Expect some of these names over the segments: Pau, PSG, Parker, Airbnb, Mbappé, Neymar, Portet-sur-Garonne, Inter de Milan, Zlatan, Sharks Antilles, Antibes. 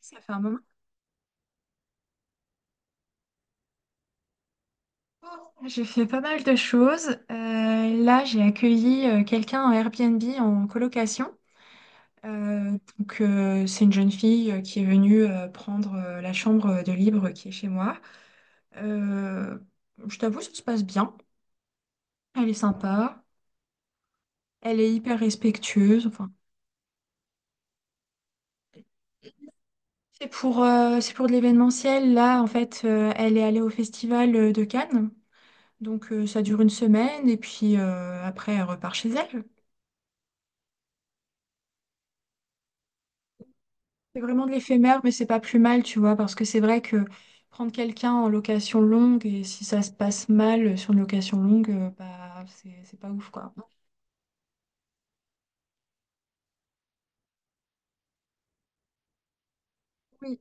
Ça fait un moment. J'ai fait pas mal de choses. Là, j'ai accueilli quelqu'un en Airbnb en colocation. Donc, c'est une jeune fille qui est venue prendre la chambre de libre qui est chez moi. Euh, je t'avoue, ça se passe bien. Elle est sympa. Elle est hyper respectueuse. Enfin, c'est pour de l'événementiel. Là, en fait, elle est allée au festival de Cannes. Donc, ça dure une semaine et puis après, elle repart chez elle. C'est vraiment de l'éphémère, mais c'est pas plus mal, tu vois, parce que c'est vrai que prendre quelqu'un en location longue et si ça se passe mal sur une location longue, bah c'est pas ouf, quoi. Oui,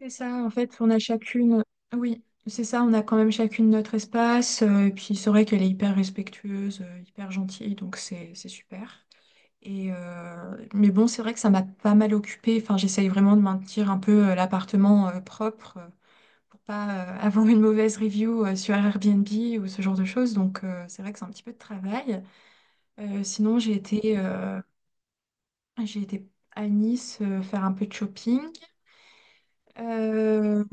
c'est ça, en fait, on a chacune. Oui, c'est ça, on a quand même chacune notre espace, et puis c'est vrai qu'elle est hyper respectueuse, hyper gentille, donc c'est super. Et mais bon, c'est vrai que ça m'a pas mal occupée. Enfin, j'essaye vraiment de maintenir un peu l'appartement propre. Pour pas avoir une mauvaise review sur Airbnb ou ce genre de choses. Donc c'est vrai que c'est un petit peu de travail. Sinon, j'ai été à Nice faire un peu de shopping. Euh,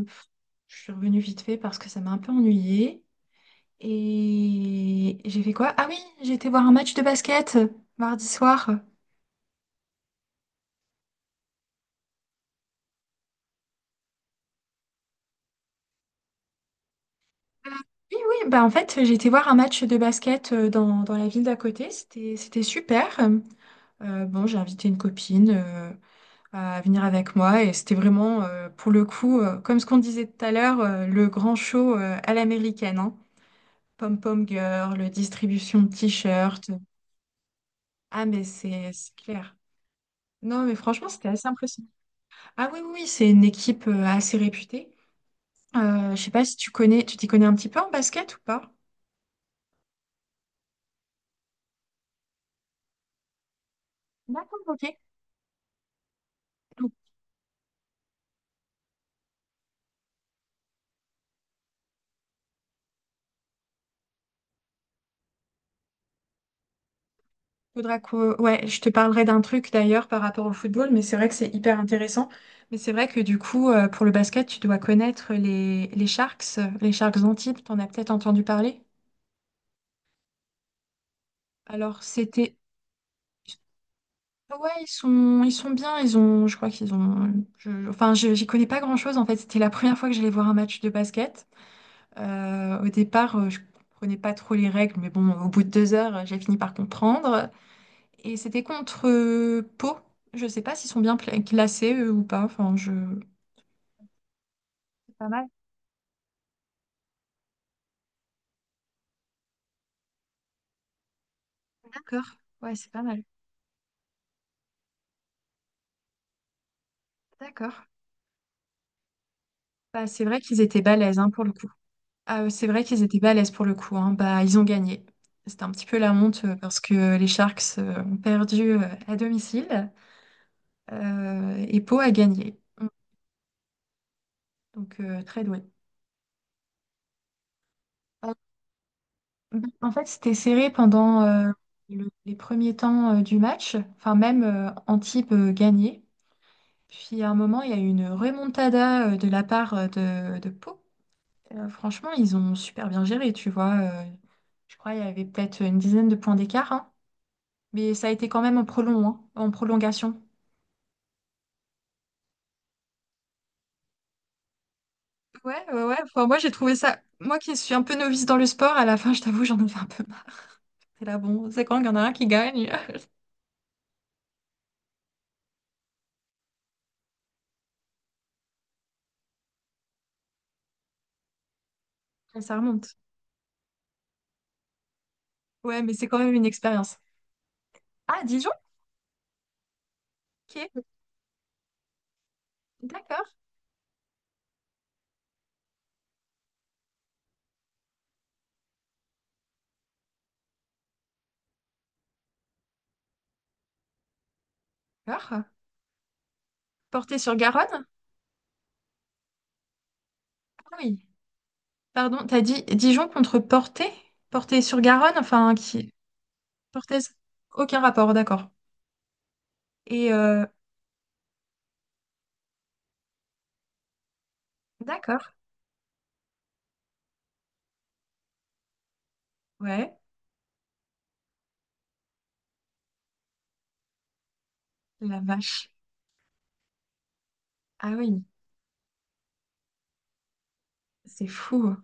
je suis revenue vite fait parce que ça m'a un peu ennuyée. Et j'ai fait quoi? Ah oui, j'ai été voir un match de basket mardi soir. Oui, oui, bah en fait, j'ai été voir un match de basket dans la ville d'à côté. C'était super. Bon, j'ai invité une copine à venir avec moi. Et c'était vraiment, pour le coup, comme ce qu'on disait tout à l'heure, le grand show à l'américaine, hein. Pom-pom girl, le distribution de t-shirts. Ah, mais c'est clair. Non, mais franchement, c'était assez impressionnant. Ah oui, oui, oui, c'est une équipe assez réputée. Je sais pas si tu connais, tu t'y connais un petit peu en basket ou pas? D'accord, ok. Faudra que... Ouais, je te parlerai d'un truc d'ailleurs par rapport au football, mais c'est vrai que c'est hyper intéressant. Mais c'est vrai que du coup, pour le basket, tu dois connaître les Sharks, les Sharks Antilles, t'en as peut-être entendu parler. Alors, c'était... Ouais, ils sont bien, ils ont... Je crois qu'ils ont... Enfin, j'y connais pas grand-chose, en fait. C'était la première fois que j'allais voir un match de basket. Au départ, je comprenais pas trop les règles, mais bon, au bout de 2 heures, j'ai fini par comprendre. Et c'était contre Pau. Je sais pas s'ils sont bien classés eux, ou pas. Enfin, je... C'est pas mal. D'accord. Ouais, c'est pas mal. D'accord. Bah, c'est vrai qu'ils étaient balèzes hein, pour le coup. Ah, c'est vrai qu'ils étaient balèzes pour le coup, hein. Bah, ils ont gagné. C'était un petit peu la honte parce que les Sharks ont perdu à domicile et Pau a gagné. Mm. Donc, très doué. En fait, c'était serré pendant les premiers temps du match. Enfin, même Antibes gagnait. Puis à un moment, il y a eu une remontada de la part de Pau. Franchement, ils ont super bien géré, tu vois. Je crois qu'il y avait peut-être une dizaine de points d'écart, hein. Mais ça a été quand même hein, en prolongation. Ouais, ouais, ouais. Enfin, moi, j'ai trouvé ça. Moi qui suis un peu novice dans le sport, à la fin, je t'avoue, j'en avais un peu marre. C'est là, bon, c'est quand qu'il y en a un qui gagne? Et ça remonte. Ouais, mais c'est quand même une expérience. Ah, Dijon? Ok, d'accord. D'accord. Porté sur Garonne? Ah oui. Pardon, t'as dit Dijon contre Portet? Portet-sur-Garonne, enfin qui... Portaise? Aucun rapport, d'accord. Et d'accord. Ouais, la vache. Ah oui, c'est fou.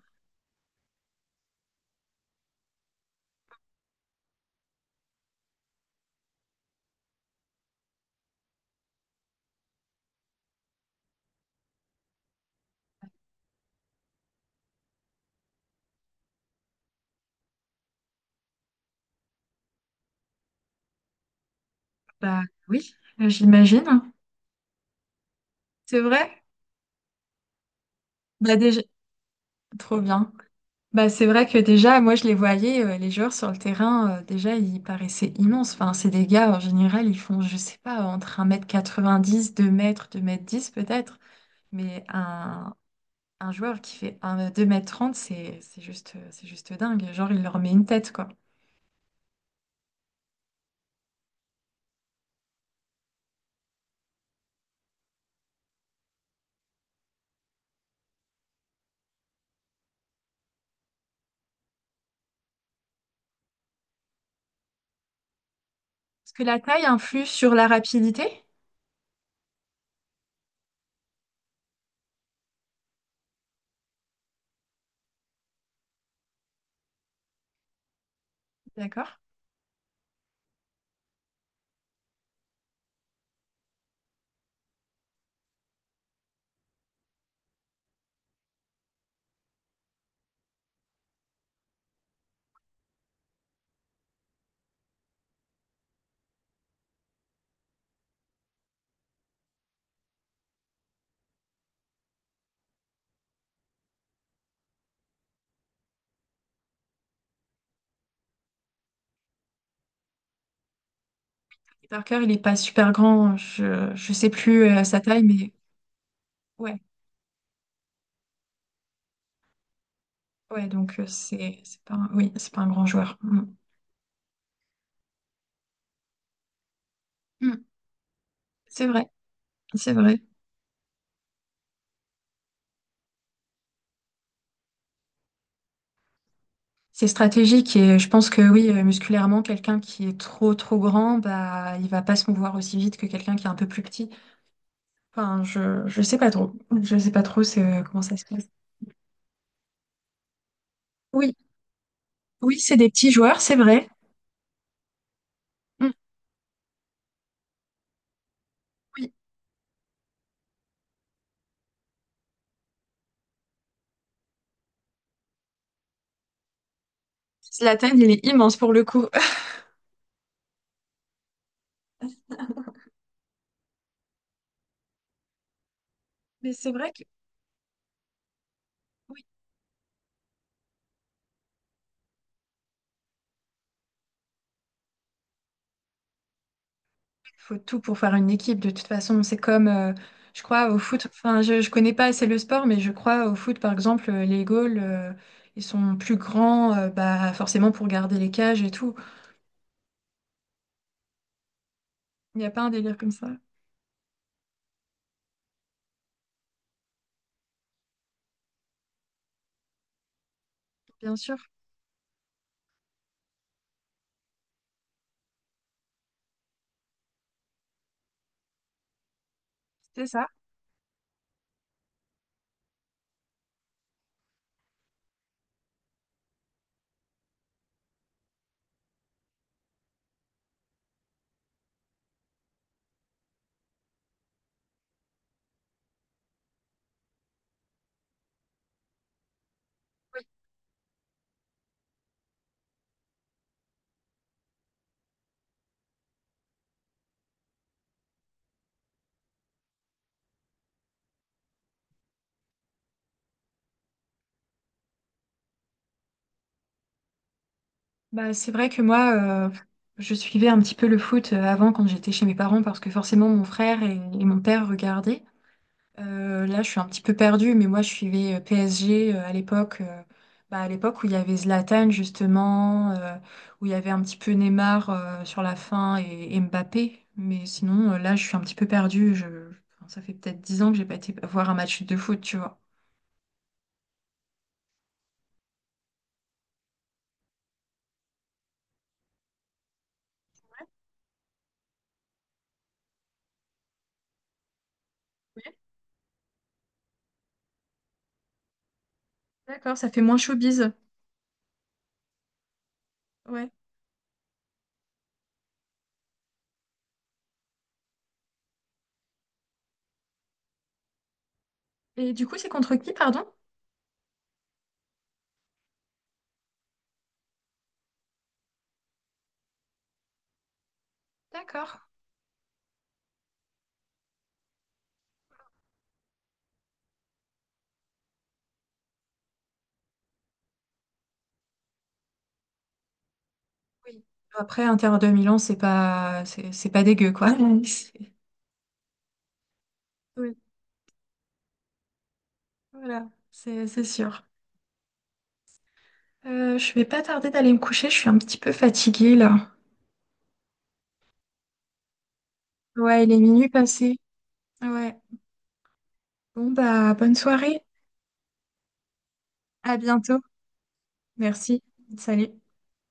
Bah oui, j'imagine. C'est vrai? Bah déjà, trop bien. Bah c'est vrai que déjà, moi je les voyais, les joueurs sur le terrain, déjà ils paraissaient immenses. Enfin, c'est des gars, en général, ils font, je sais pas, entre 1,90 m, 2 m, 2,10 m peut-être. Mais un, Un joueur qui fait un 2,30 m, c'est juste, c'est juste dingue. Genre, il leur met une tête, quoi. Est-ce que la taille influe sur la rapidité? D'accord. Parker, il n'est pas super grand. Je sais plus sa taille, mais ouais, ouais, donc c'est pas un, oui, c'est pas un grand joueur. Mm. Mm. C'est vrai, c'est vrai. C'est stratégique et je pense que oui, musculairement, quelqu'un qui est trop trop grand, bah il va pas se mouvoir aussi vite que quelqu'un qui est un peu plus petit. Enfin, je sais pas trop. Je sais pas trop c'est comment ça se passe. Oui. Oui, c'est des petits joueurs, c'est vrai. Mm, oui, Zlatan, il est immense pour le coup. Mais c'est vrai que oui, il faut tout pour faire une équipe. De toute façon, c'est comme, je crois, au foot. Enfin, je ne connais pas assez le sport, mais je crois au foot, par exemple, les goals, ils sont plus grands, bah, forcément pour garder les cages et tout. Il n'y a pas un délire comme ça. Bien sûr, c'est ça. Bah, c'est vrai que moi, euh, je suivais un petit peu le foot avant quand j'étais chez mes parents parce que forcément mon frère et mon père regardaient. Là, je suis un petit peu perdue, mais moi, je suivais PSG à l'époque, bah, à l'époque où il y avait Zlatan, justement, où il y avait un petit peu Neymar sur la fin et Mbappé. Mais sinon, là, je suis un petit peu perdue. Je... Enfin, ça fait peut-être 10 ans que j'ai pas été voir un match de foot, tu vois. Ouais. D'accord, ça fait moins showbiz. Ouais. Et du coup, c'est contre qui, pardon? D'accord. Oui. Après, Inter de Milan, c'est pas dégueu, quoi. C'est- Oui. Voilà, c'est sûr. Je vais pas tarder d'aller me coucher, je suis un petit peu fatiguée là. Ouais, il est minuit passé. Ouais. Bon bah bonne soirée. À bientôt. Merci. Salut.